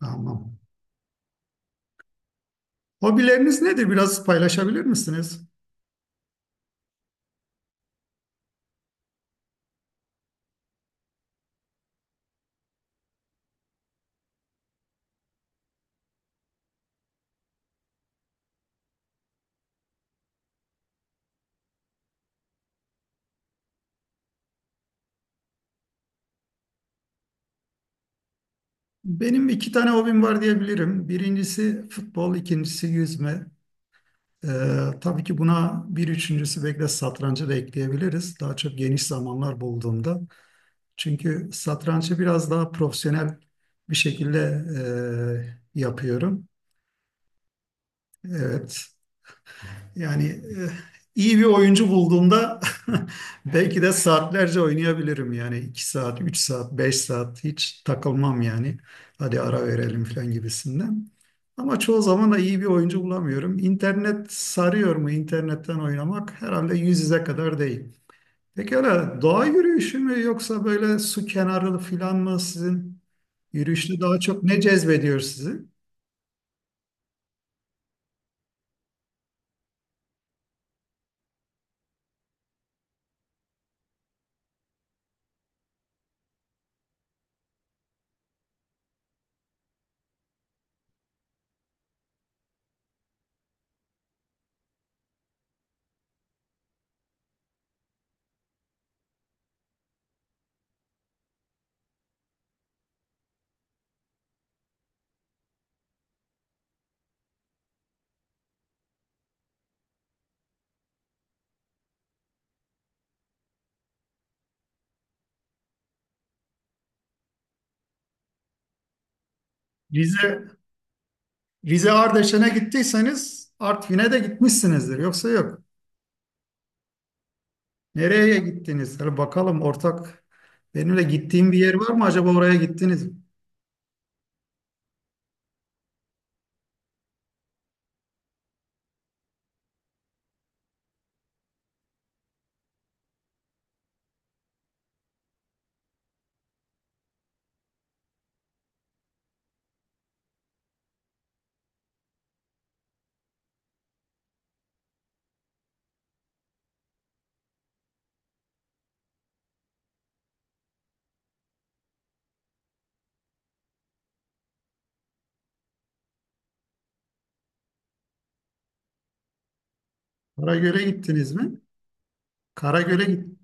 Tamam. Hobileriniz nedir? Biraz paylaşabilir misiniz? Benim iki tane hobim var diyebilirim. Birincisi futbol, ikincisi yüzme. Ee, tabii ki buna bir üçüncüsü belki de satrancı da ekleyebiliriz. Daha çok geniş zamanlar bulduğumda. Çünkü satrancı biraz daha profesyonel bir şekilde yapıyorum. Evet. Yani eh, iyi bir oyuncu bulduğumda belki de saatlerce oynayabilirim. Yani 2 saat, 3 saat, 5 saat hiç takılmam yani. Hadi ara verelim falan gibisinden. Ama çoğu zaman da iyi bir oyuncu bulamıyorum. İnternet sarıyor mu? İnternetten oynamak herhalde yüz yüze kadar değil. Peki öyle doğa yürüyüşü mü yoksa böyle su kenarı falan mı sizin yürüyüşte daha çok ne cezbediyor sizi? Rize Rize Ardeşen'e gittiyseniz Artvin'e de gitmişsinizdir. Yoksa yok. Nereye gittiniz? Hadi bakalım ortak. Benimle gittiğim bir yer var mı acaba oraya gittiniz mi? Karagöl'e gittiniz mi? Karagöl'e git.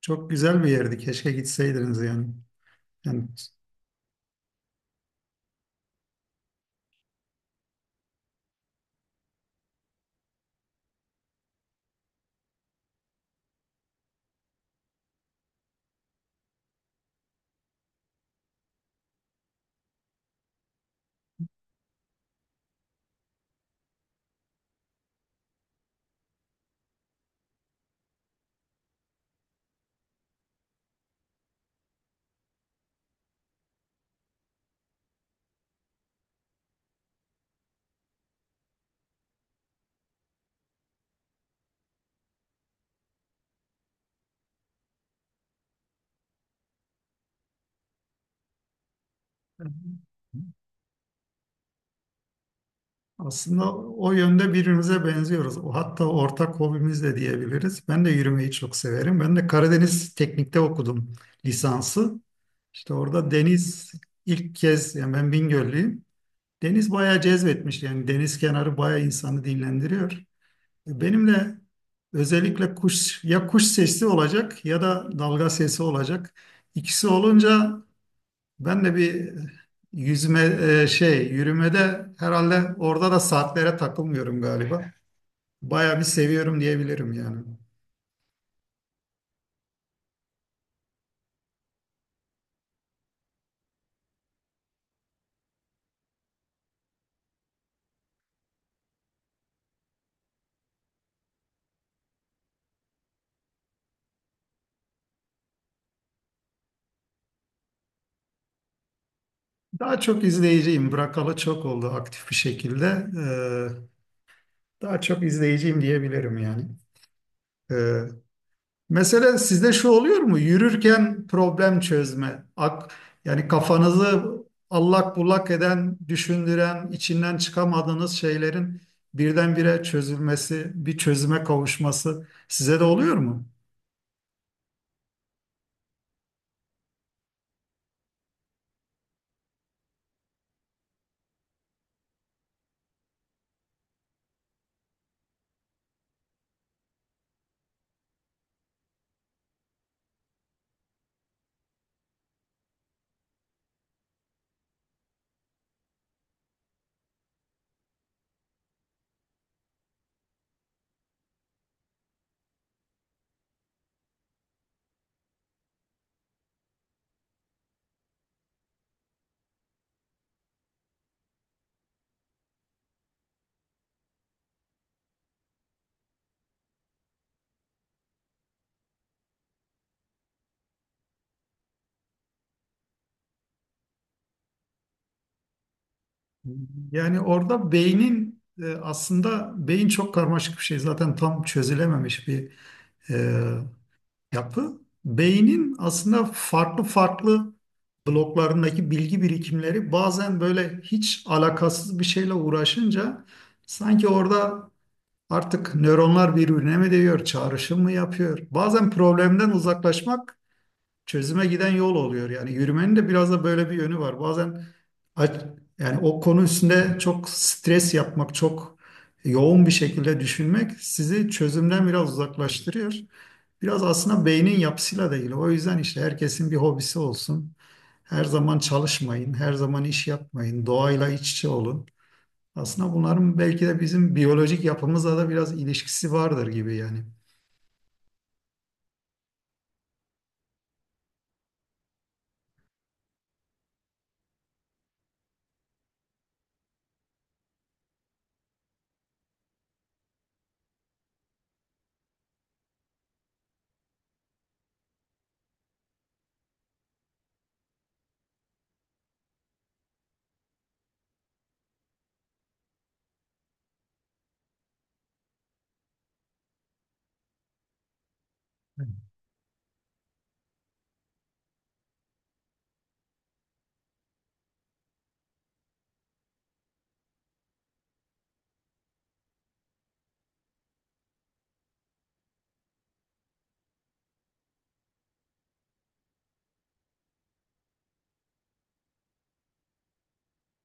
Çok güzel bir yerdi. Keşke gitseydiniz yani. Yani aslında o yönde birbirimize benziyoruz. O hatta ortak hobimiz de diyebiliriz. Ben de yürümeyi çok severim. Ben de Karadeniz Teknik'te okudum lisansı. İşte orada deniz ilk kez yani ben Bingöllüyüm. Deniz bayağı cezbetmiş yani deniz kenarı bayağı insanı dinlendiriyor. Benim de özellikle kuş ya kuş sesi olacak ya da dalga sesi olacak. İkisi olunca ben de bir yüzme şey yürümede herhalde orada da saatlere takılmıyorum galiba. Bayağı bir seviyorum diyebilirim yani. Daha çok izleyiciyim. Bırakalı çok oldu aktif bir şekilde. Daha çok izleyiciyim diyebilirim yani. Ee, Mesela sizde şu oluyor mu? Yürürken problem çözme. Yani kafanızı allak bullak eden, düşündüren, içinden çıkamadığınız şeylerin birdenbire çözülmesi, bir çözüme kavuşması size de oluyor mu? Yani orada beynin aslında beyin çok karmaşık bir şey. Zaten tam çözülememiş bir e, yapı beynin aslında farklı farklı bloklarındaki bilgi birikimleri bazen böyle hiç alakasız bir şeyle uğraşınca sanki orada artık nöronlar birbirine mi değiyor, çağrışım mı yapıyor? Bazen problemden uzaklaşmak çözüme giden yol oluyor. Yani yürümenin de biraz da böyle bir yönü var. Bazen aç- yani o konu üstünde çok stres yapmak, çok yoğun bir şekilde düşünmek sizi çözümden biraz uzaklaştırıyor. Biraz aslında beynin yapısıyla da ilgili. O yüzden işte herkesin bir hobisi olsun. Her zaman çalışmayın, her zaman iş yapmayın, doğayla iç içe olun. Aslında bunların belki de bizim biyolojik yapımızla da biraz ilişkisi vardır gibi yani.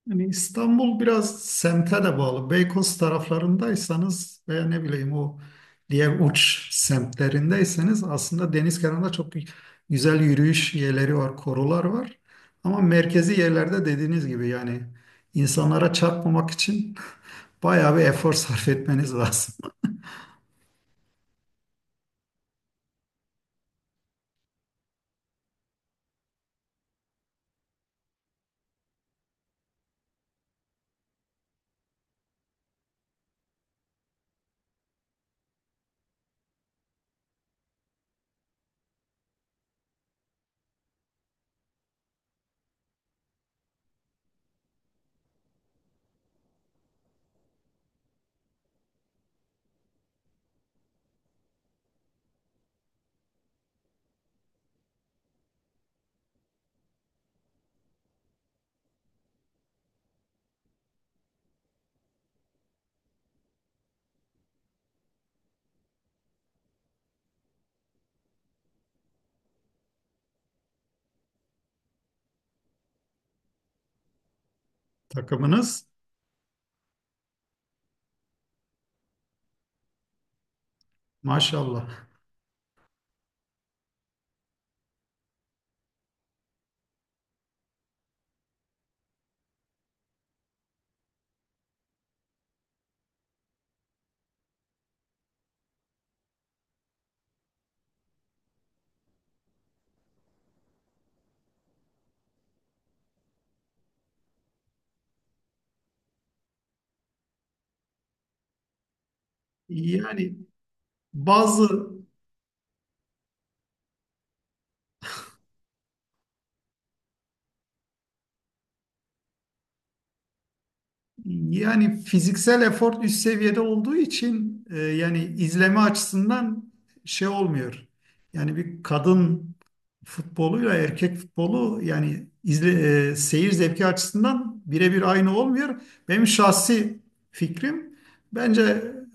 Yani İstanbul biraz semte de bağlı. Beykoz taraflarındaysanız veya ne bileyim o diğer uç semtlerindeyseniz aslında deniz kenarında çok güzel yürüyüş yerleri var, korular var. Ama merkezi yerlerde dediğiniz gibi yani insanlara çarpmamak için bayağı bir efor sarf etmeniz lazım. Takımınız maşallah. Yani bazı, yani fiziksel efor üst seviyede olduğu için yani izleme açısından şey olmuyor. Yani bir kadın futboluyla erkek futbolu yani, seyir zevki açısından birebir aynı olmuyor. Benim şahsi fikrim bence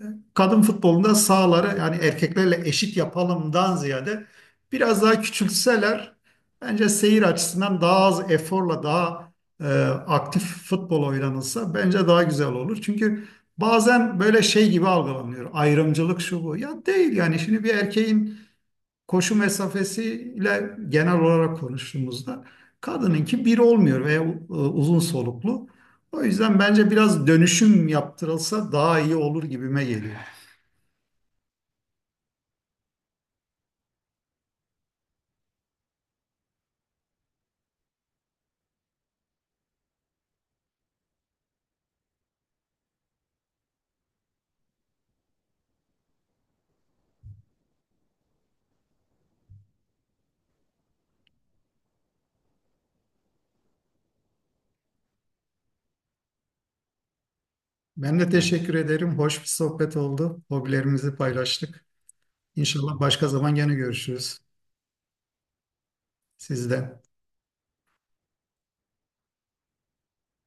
kadın futbolunda sahaları yani erkeklerle eşit yapalımdan ziyade biraz daha küçültseler bence seyir açısından daha az eforla daha e, aktif futbol oynanılsa bence daha güzel olur. Çünkü bazen böyle şey gibi algılanıyor. Ayrımcılık şu bu. Ya değil yani şimdi bir erkeğin koşu mesafesiyle genel olarak konuştuğumuzda kadınınki bir olmuyor veya uzun soluklu. O yüzden bence biraz dönüşüm yaptırılsa daha iyi olur gibime geliyor. Ben de teşekkür ederim. Hoş bir sohbet oldu. Hobilerimizi paylaştık. İnşallah başka zaman gene görüşürüz sizden.